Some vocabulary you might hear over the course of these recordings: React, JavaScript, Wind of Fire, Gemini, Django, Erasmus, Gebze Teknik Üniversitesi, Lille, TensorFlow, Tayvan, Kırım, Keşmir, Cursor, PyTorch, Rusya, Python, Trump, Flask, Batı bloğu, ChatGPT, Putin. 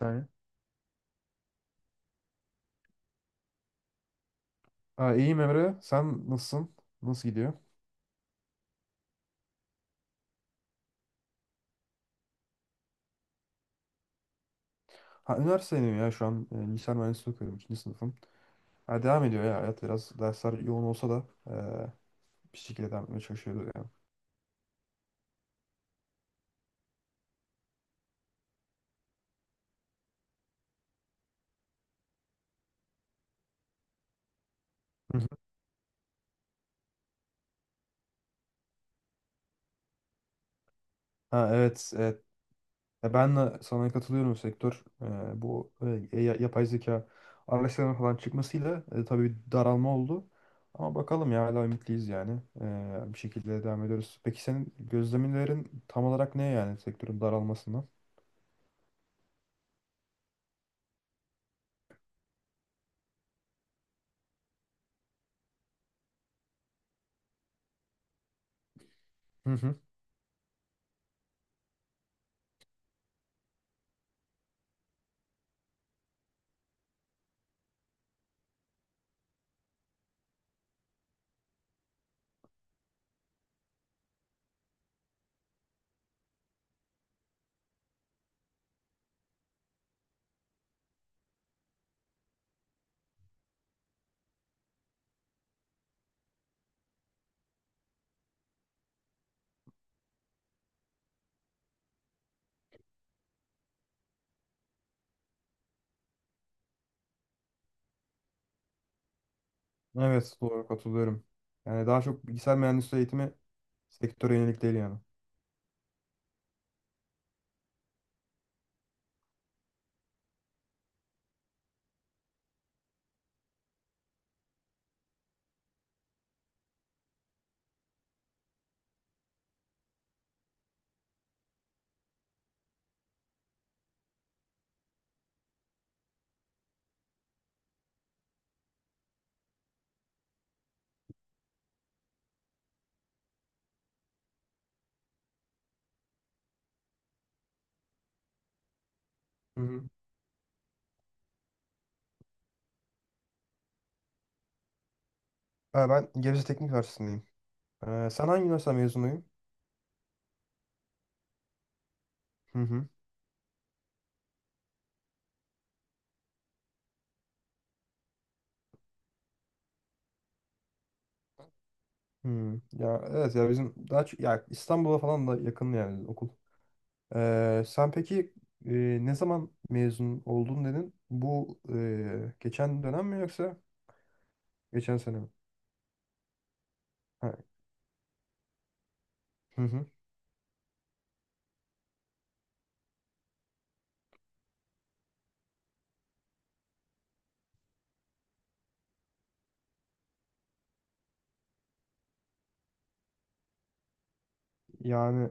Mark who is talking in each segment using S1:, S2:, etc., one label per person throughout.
S1: Yani. Ha, iyiyim Emre. Sen nasılsın? Nasıl gidiyor? Ha, üniversitedeyim ya şu an. Bilgisayar mühendisliği okuyorum. İkinci sınıfım. Ha, devam ediyor ya hayat. Biraz dersler yoğun olsa da bir şekilde devam etmeye çalışıyoruz yani. Hı hı. Ha, evet. Evet. Ben de sana katılıyorum sektör. Bu Yapay zeka araçlarının falan çıkmasıyla tabii bir daralma oldu. Ama bakalım ya hala ümitliyiz yani. Bir şekilde devam ediyoruz. Peki senin gözlemlerin tam olarak ne yani, sektörün daralmasından? Evet, doğru, katılıyorum. Yani daha çok bilgisayar mühendisliği eğitimi sektöre yönelik değil yani. Hı hı. Ha, ben Gebze Teknik Üniversitesi'ndeyim. Sen hangi üniversite mezunuyum? Hı hı. Hı. Ya evet, ya bizim daha çok ya İstanbul'a falan da yakın yani okul. Sen peki e, ne zaman mezun oldun dedin? Bu geçen dönem mi yoksa geçen sene mi? Ha. Hı hı. Yani.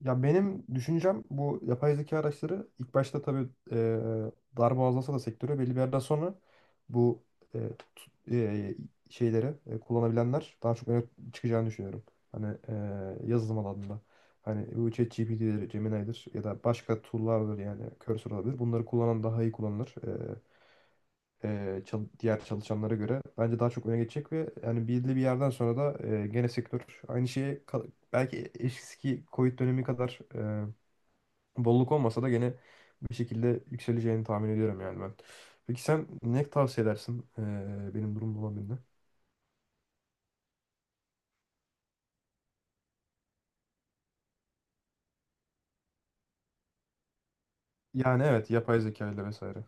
S1: Ya benim düşüncem bu yapay zeka araçları ilk başta tabii darbe azalsa da sektörü belli bir yerden sonra bu e, tut- e, şeyleri kullanabilenler daha çok öne çıkacağını düşünüyorum. Hani yazılım alanında. Hani bu ChatGPT'dir, Gemini'dir ya da başka tool'lardır, yani Cursor olabilir. Bunları kullanan daha iyi kullanılır, diğer çalışanlara göre bence daha çok öne geçecek ve yani belirli bir yerden sonra da gene sektör aynı şeye belki eski Covid dönemi kadar bolluk olmasa da gene bir şekilde yükseleceğini tahmin ediyorum yani ben. Peki sen ne tavsiye edersin benim durumda olan birine? Yani evet, yapay zeka ile vesaire.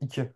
S1: İki.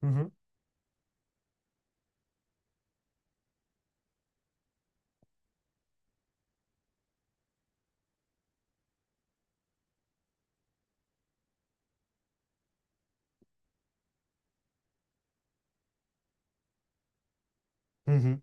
S1: Hı hı. Hı hı.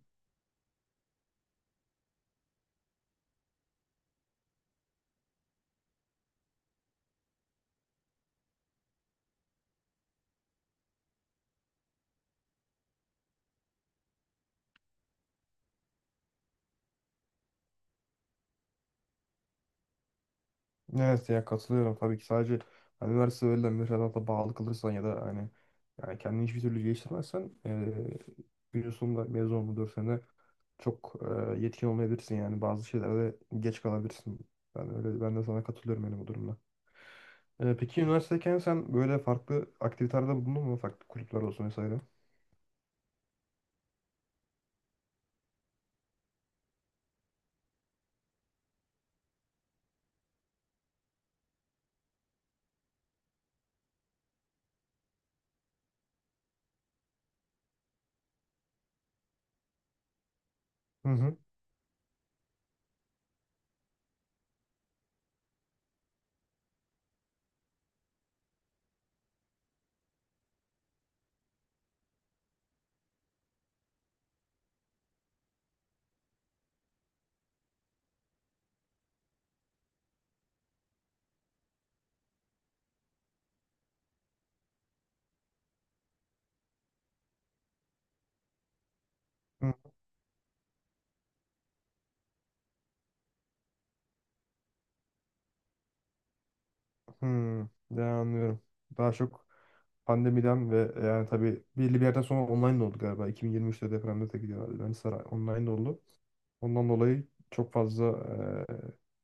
S1: Evet ya, katılıyorum tabii ki. Sadece hani üniversite öğrenilen müfredata bağlı kalırsan ya da hani yani kendini hiçbir türlü geliştirmezsen günün sonunda mezun olma 4 sene çok yetkin olmayabilirsin yani, bazı şeylerde geç kalabilirsin. Ben öyle, ben de sana katılıyorum yani bu durumda. Peki üniversitedeyken sen böyle farklı aktivitelerde bulundun mu? Farklı kulüpler olsun vesaire. Hı hı. Hı hı. Ya, anlıyorum. Daha çok pandemiden ve yani tabii belli bir yerden sonra online de oldu galiba. 2023'te depremde de gidiyor. Yani saray online de oldu. Ondan dolayı çok fazla eee,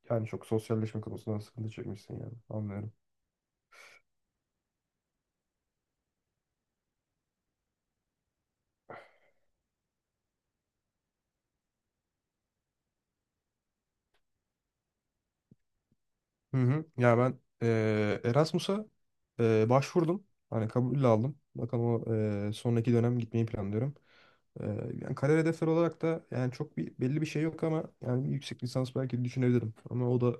S1: yani çok sosyalleşme konusunda sıkıntı çekmişsin yani. Anlıyorum. Hı hı. Ya ben Erasmus'a başvurdum. Hani kabul aldım. Bakalım o, sonraki dönem gitmeyi planlıyorum. Eee, Yani kariyer hedefleri olarak da yani çok bir belli bir şey yok, ama yani bir yüksek lisans belki düşünebilirim. Ama o da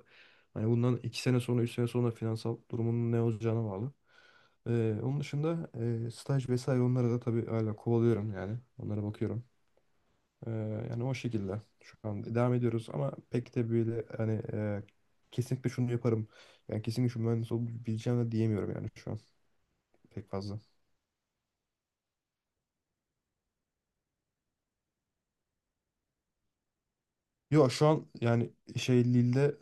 S1: hani bundan iki sene sonra, üç sene sonra finansal durumunun ne olacağına bağlı. Onun dışında staj vesaire, onlara da tabii hala kovalıyorum yani. Onlara bakıyorum. Ee, Yani o şekilde şu an devam ediyoruz, ama pek de böyle hani kesinlikle şunu yaparım, yani kesinlikle şu mühendis olabileceğim de diyemiyorum yani şu an pek fazla. Yok, şu an yani şey Lille'de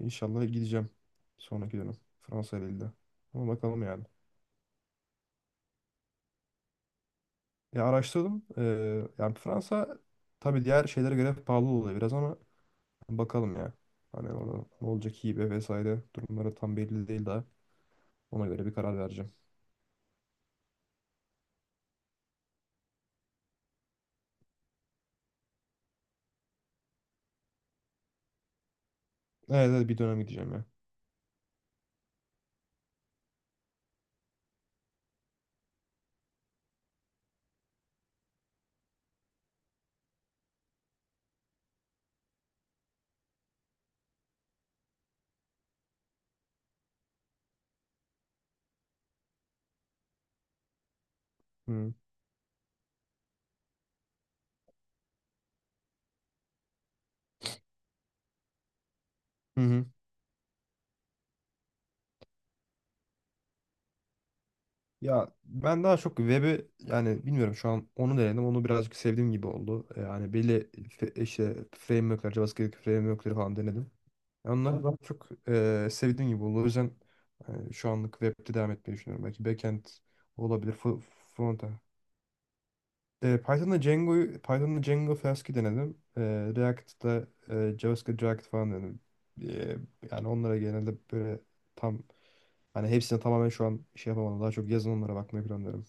S1: inşallah gideceğim sonraki dönem, Fransa Lille'de. Ama bakalım yani. Ya araştırdım. Yani Fransa tabii diğer şeylere göre pahalı oluyor biraz ama bakalım ya. Hani orada ne olacak, hibe vesaire durumları tam belli değil daha. Ona göre bir karar vereceğim. Evet, evet, bir dönem gideceğim ya. Hı. Hı hı. Ya ben daha çok web'i, yani bilmiyorum, şu an onu denedim. Onu birazcık sevdiğim gibi oldu. Yani belli işte framework'ler, JavaScript framework'leri falan denedim. Yani onlar daha çok sevdiğim gibi oldu. O yüzden şu anlık web'de devam etmeyi düşünüyorum. Belki backend olabilir, front'a. Python'da Django'yu, Python'da Django Flask'i denedim. React'da JavaScript React falan denedim. E, Yani onlara genelde böyle tam, hani hepsine tamamen şu an şey yapamadım. Daha çok yazılımlara bakmayı planlıyorum.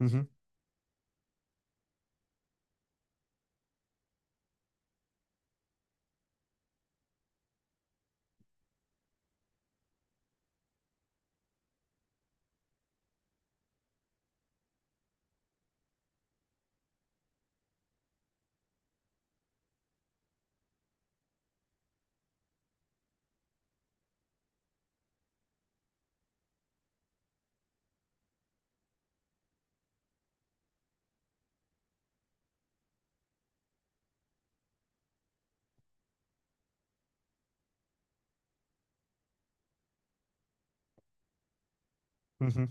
S1: Hı hı. Hı hı.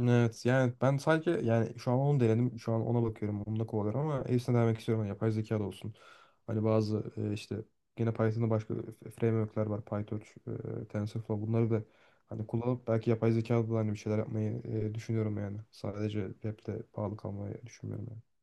S1: Evet yani ben sadece yani şu an onu denedim. Şu an ona bakıyorum. Onunla kovalıyorum ama hepsine denemek istiyorum. Yani yapay zeka da olsun. Hani bazı işte yine Python'da başka framework'ler var. PyTorch, TensorFlow, bunları da hani kullanıp belki yapay zeka da hani bir şeyler yapmayı düşünüyorum yani. Sadece web'de bağlı kalmayı düşünmüyorum yani.